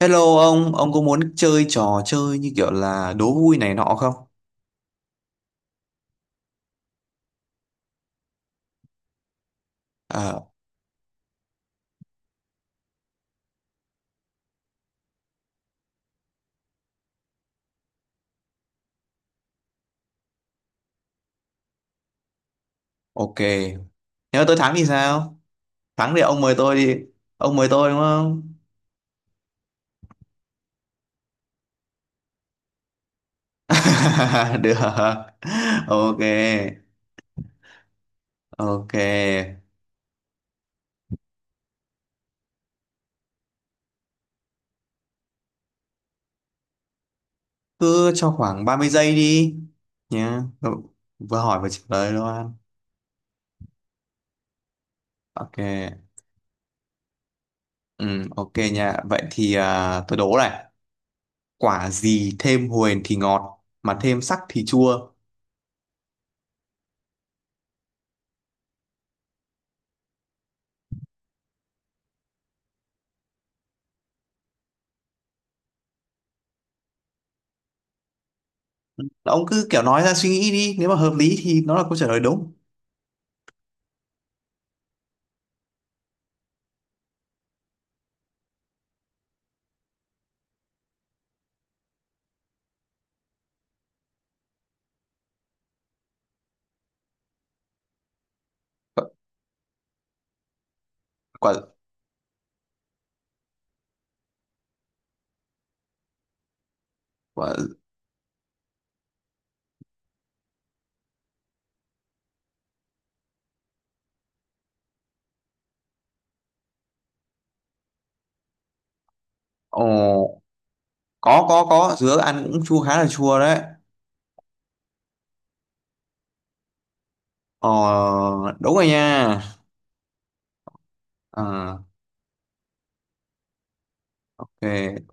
Hello ông có muốn chơi trò chơi như kiểu là đố vui này nọ không? À, ok. Nếu tôi thắng thì sao? Thắng thì ông mời tôi đi. Ông mời tôi đúng không? Được. Ok. Ok. Cứ cho khoảng 30 giây đi. Nhá. Ờ, Vừa hỏi vừa trả lời luôn. Ok. Ừ, ok nha. Vậy thì à, tôi đố này. Quả gì thêm huyền thì ngọt, mà thêm sắc thì chua. Ông cứ kiểu nói ra suy nghĩ đi, nếu mà hợp lý thì nó là câu trả lời đúng. Quả quả quả. Ồ, có, dứa ăn cũng chua, khá là chua đấy. ờ Đúng rồi nha. Ờ, ok,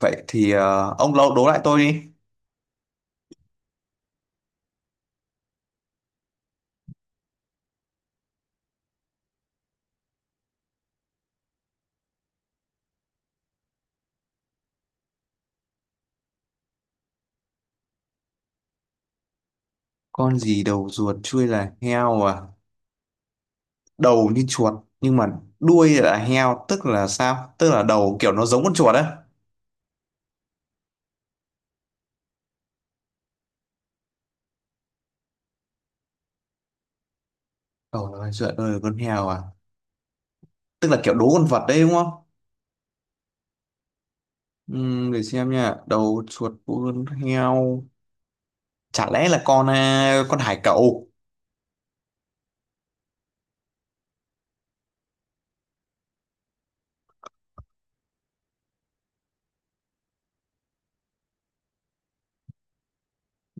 vậy thì ông lâu đố lại tôi đi. Con gì đầu ruột chui là heo à? Đầu như chuột nhưng mà đuôi là heo, tức là sao? Tức là đầu kiểu nó giống con chuột á? Đầu là chuột đuôi là con heo à? Tức là kiểu đố con vật đấy đúng không? Để xem nha, đầu chuột đuôi con heo. Chả lẽ là con à, con hải cẩu?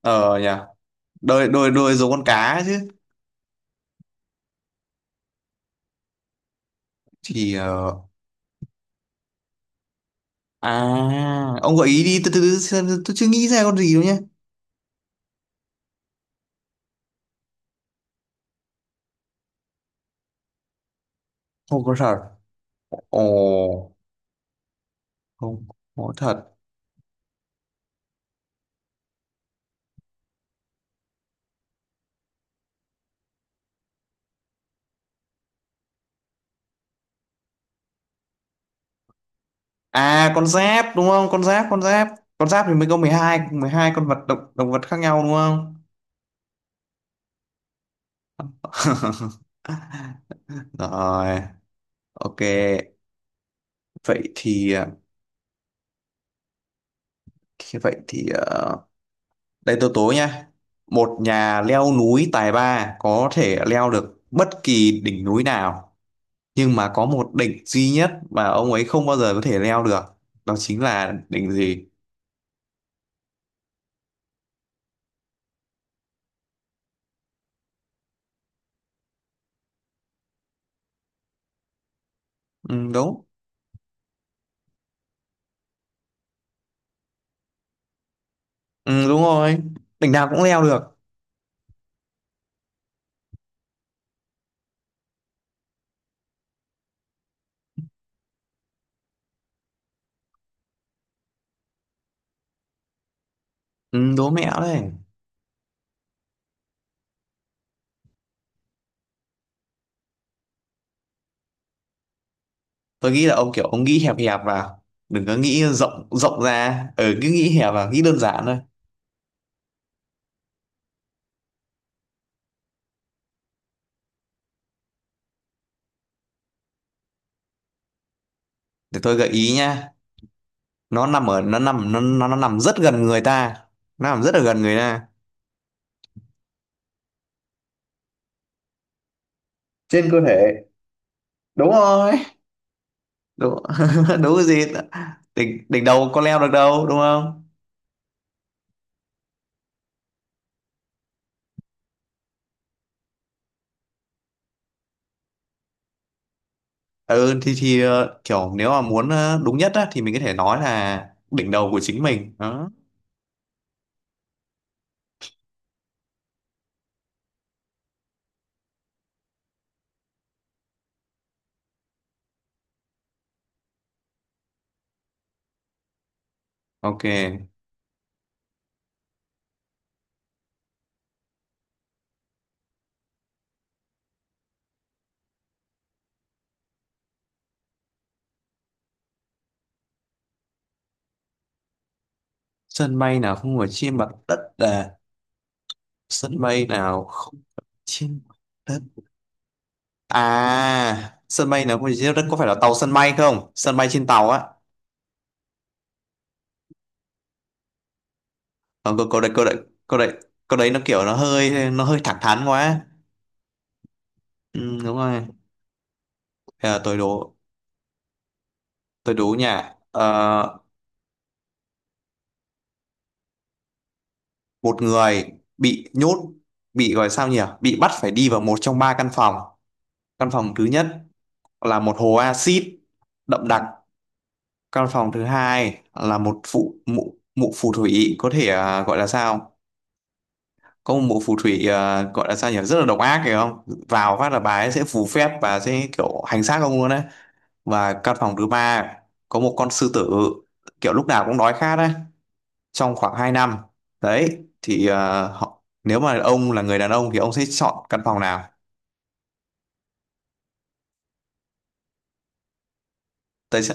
Ờ nhỉ. Đôi đôi đôi giống con cá chứ. Thì ông gợi ý đi, từ từ từ xem, tôi chưa nghĩ ra con gì đâu nhé. Không có thật. Ồ. Không có thật à? Con giáp đúng không? Con giáp. Con giáp thì mới có mười hai con vật, động động vật khác nhau đúng không? Rồi. Ok. Vậy thì à, thế vậy thì à, đây tôi tố nha. Một nhà leo núi tài ba có thể leo được bất kỳ đỉnh núi nào, nhưng mà có một đỉnh duy nhất mà ông ấy không bao giờ có thể leo được. Đó chính là đỉnh gì? Ừ, đúng. Ừ, đúng rồi. Đỉnh nào cũng leo được. Ừ, đố mẹo đấy. Tôi nghĩ là ông kiểu nghĩ hẹp hẹp vào. Đừng có nghĩ rộng rộng ra. Ừ, cứ nghĩ hẹp vào, nghĩ đơn giản thôi. Để tôi gợi ý nha. Nó nằm rất gần người ta. Nó nằm rất là gần người ta. Trên cơ thể. Đúng rồi. Đúng. Đúng cái gì? Đỉnh đỉnh đầu có leo được đâu đúng không? Ừ, thì kiểu nếu mà muốn đúng nhất á, thì mình có thể nói là đỉnh đầu của chính mình đó. Ok. Sân bay nào không phải trên mặt đất à? Sân bay nào không trên mặt đất à? Sân bay nào không phải trên mặt đất? Có phải là tàu sân bay không, sân bay trên tàu á? Ờ, câu câu đấy câu đấy nó hơi thẳng thắn quá. Ừ, đúng rồi. Bây giờ tôi đố nha. Ờ, Một người bị nhốt bị gọi sao nhỉ bị bắt phải đi vào một trong ba căn phòng. Căn phòng thứ nhất là một hồ axit đậm đặc. Căn phòng thứ hai là một phụ mụ mụ phù thủy, có thể à, gọi là sao... Có một mụ phù thủy, à, gọi là sao nhỉ, rất là độc ác phải không? Vào phát là bà ấy sẽ phù phép và sẽ kiểu hành xác ông luôn đấy. Và căn phòng thứ ba có một con sư tử kiểu lúc nào cũng đói khát đấy trong khoảng 2 năm. Đấy thì họ, nếu mà ông là người đàn ông thì ông sẽ chọn căn phòng nào? Tôi sẽ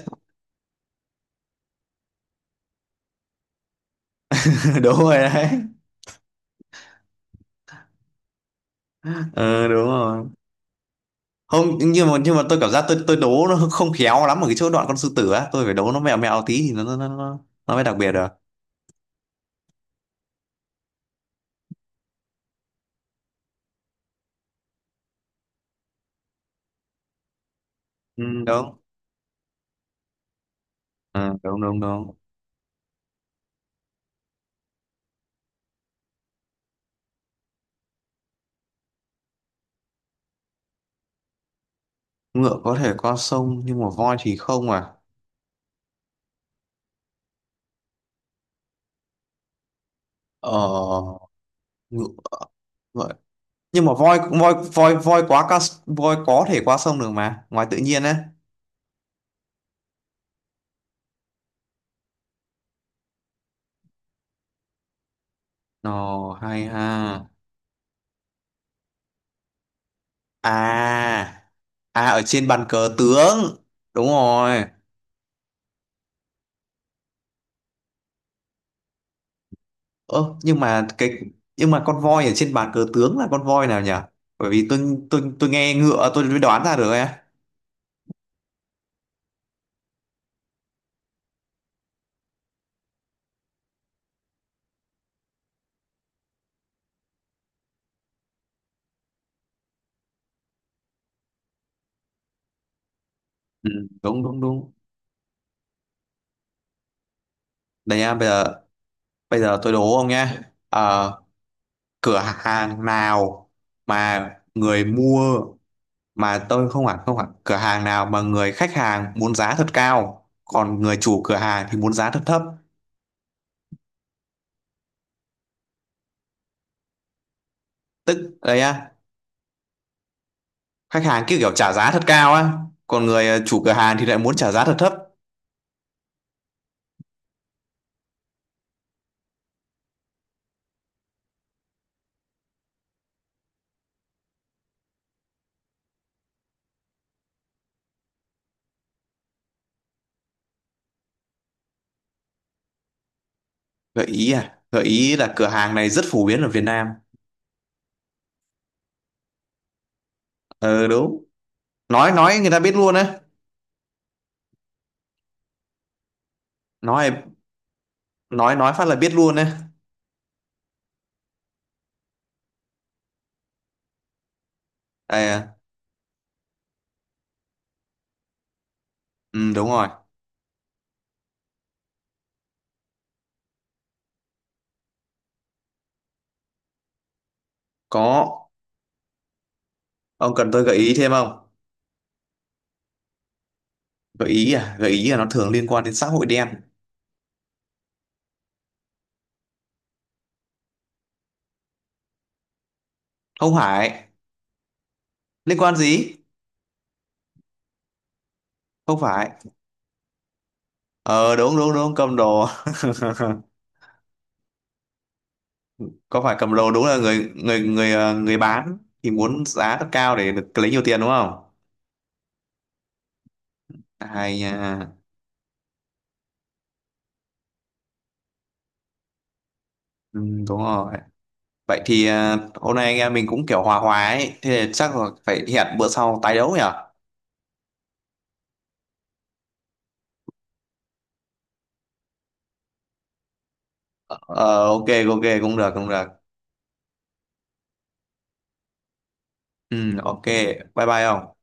Đúng rồi đấy. Ừ, đúng rồi. Không, nhưng mà tôi cảm giác tôi đố nó không khéo lắm ở cái chỗ đoạn con sư tử á, tôi phải đố nó mẹo mẹo tí thì nó mới đặc biệt được. Ừ, đúng. Ờ, đúng đúng đúng. Ngựa có thể qua sông nhưng mà voi thì không à? Ờ ngựa Vậy. Nhưng mà voi voi voi voi quá ca. Voi có thể qua sông được mà ngoài tự nhiên á. Ồ hay ha. À, ở trên bàn cờ tướng. Đúng rồi. Ơ nhưng mà cái Nhưng mà con voi ở trên bàn cờ tướng là con voi nào nhỉ? Bởi vì tôi nghe ngựa tôi mới đoán ra được ấy. Ừ, đúng đúng đúng. Đây nha, bây giờ tôi đố ông nhé. Ờ, Cửa hàng nào mà người mua, mà tôi không hẳn, cửa hàng nào mà người khách hàng muốn giá thật cao, còn người chủ cửa hàng thì muốn giá thật thấp. Tức đây á, khách hàng cứ kiểu trả giá thật cao á, còn người chủ cửa hàng thì lại muốn trả giá thật thấp. Gợi ý à? Gợi ý là cửa hàng này rất phổ biến ở Việt Nam. Ờ Đúng. Nói người ta biết luôn á. Nói nói nói phát là biết luôn á. À. Ừ, đúng rồi. Có. Ông cần tôi gợi ý thêm không? Gợi ý à? Gợi ý là nó thường liên quan đến xã hội đen. Không phải. Liên quan gì? Không phải. Ờ Đúng đúng đúng, cầm đồ. Có phải cầm đồ, đúng là người người người ờ, người bán thì muốn giá thật cao để được lấy nhiều tiền đúng không? Hay nha. Ừ, đúng rồi. Vậy thì à, hôm nay anh em mình cũng kiểu hòa hòa ấy, thế thì chắc là phải hẹn bữa sau tái đấu nhỉ? Ờ, ok. Ok, cũng được cũng được. Ừ, ok. Bye bye ông.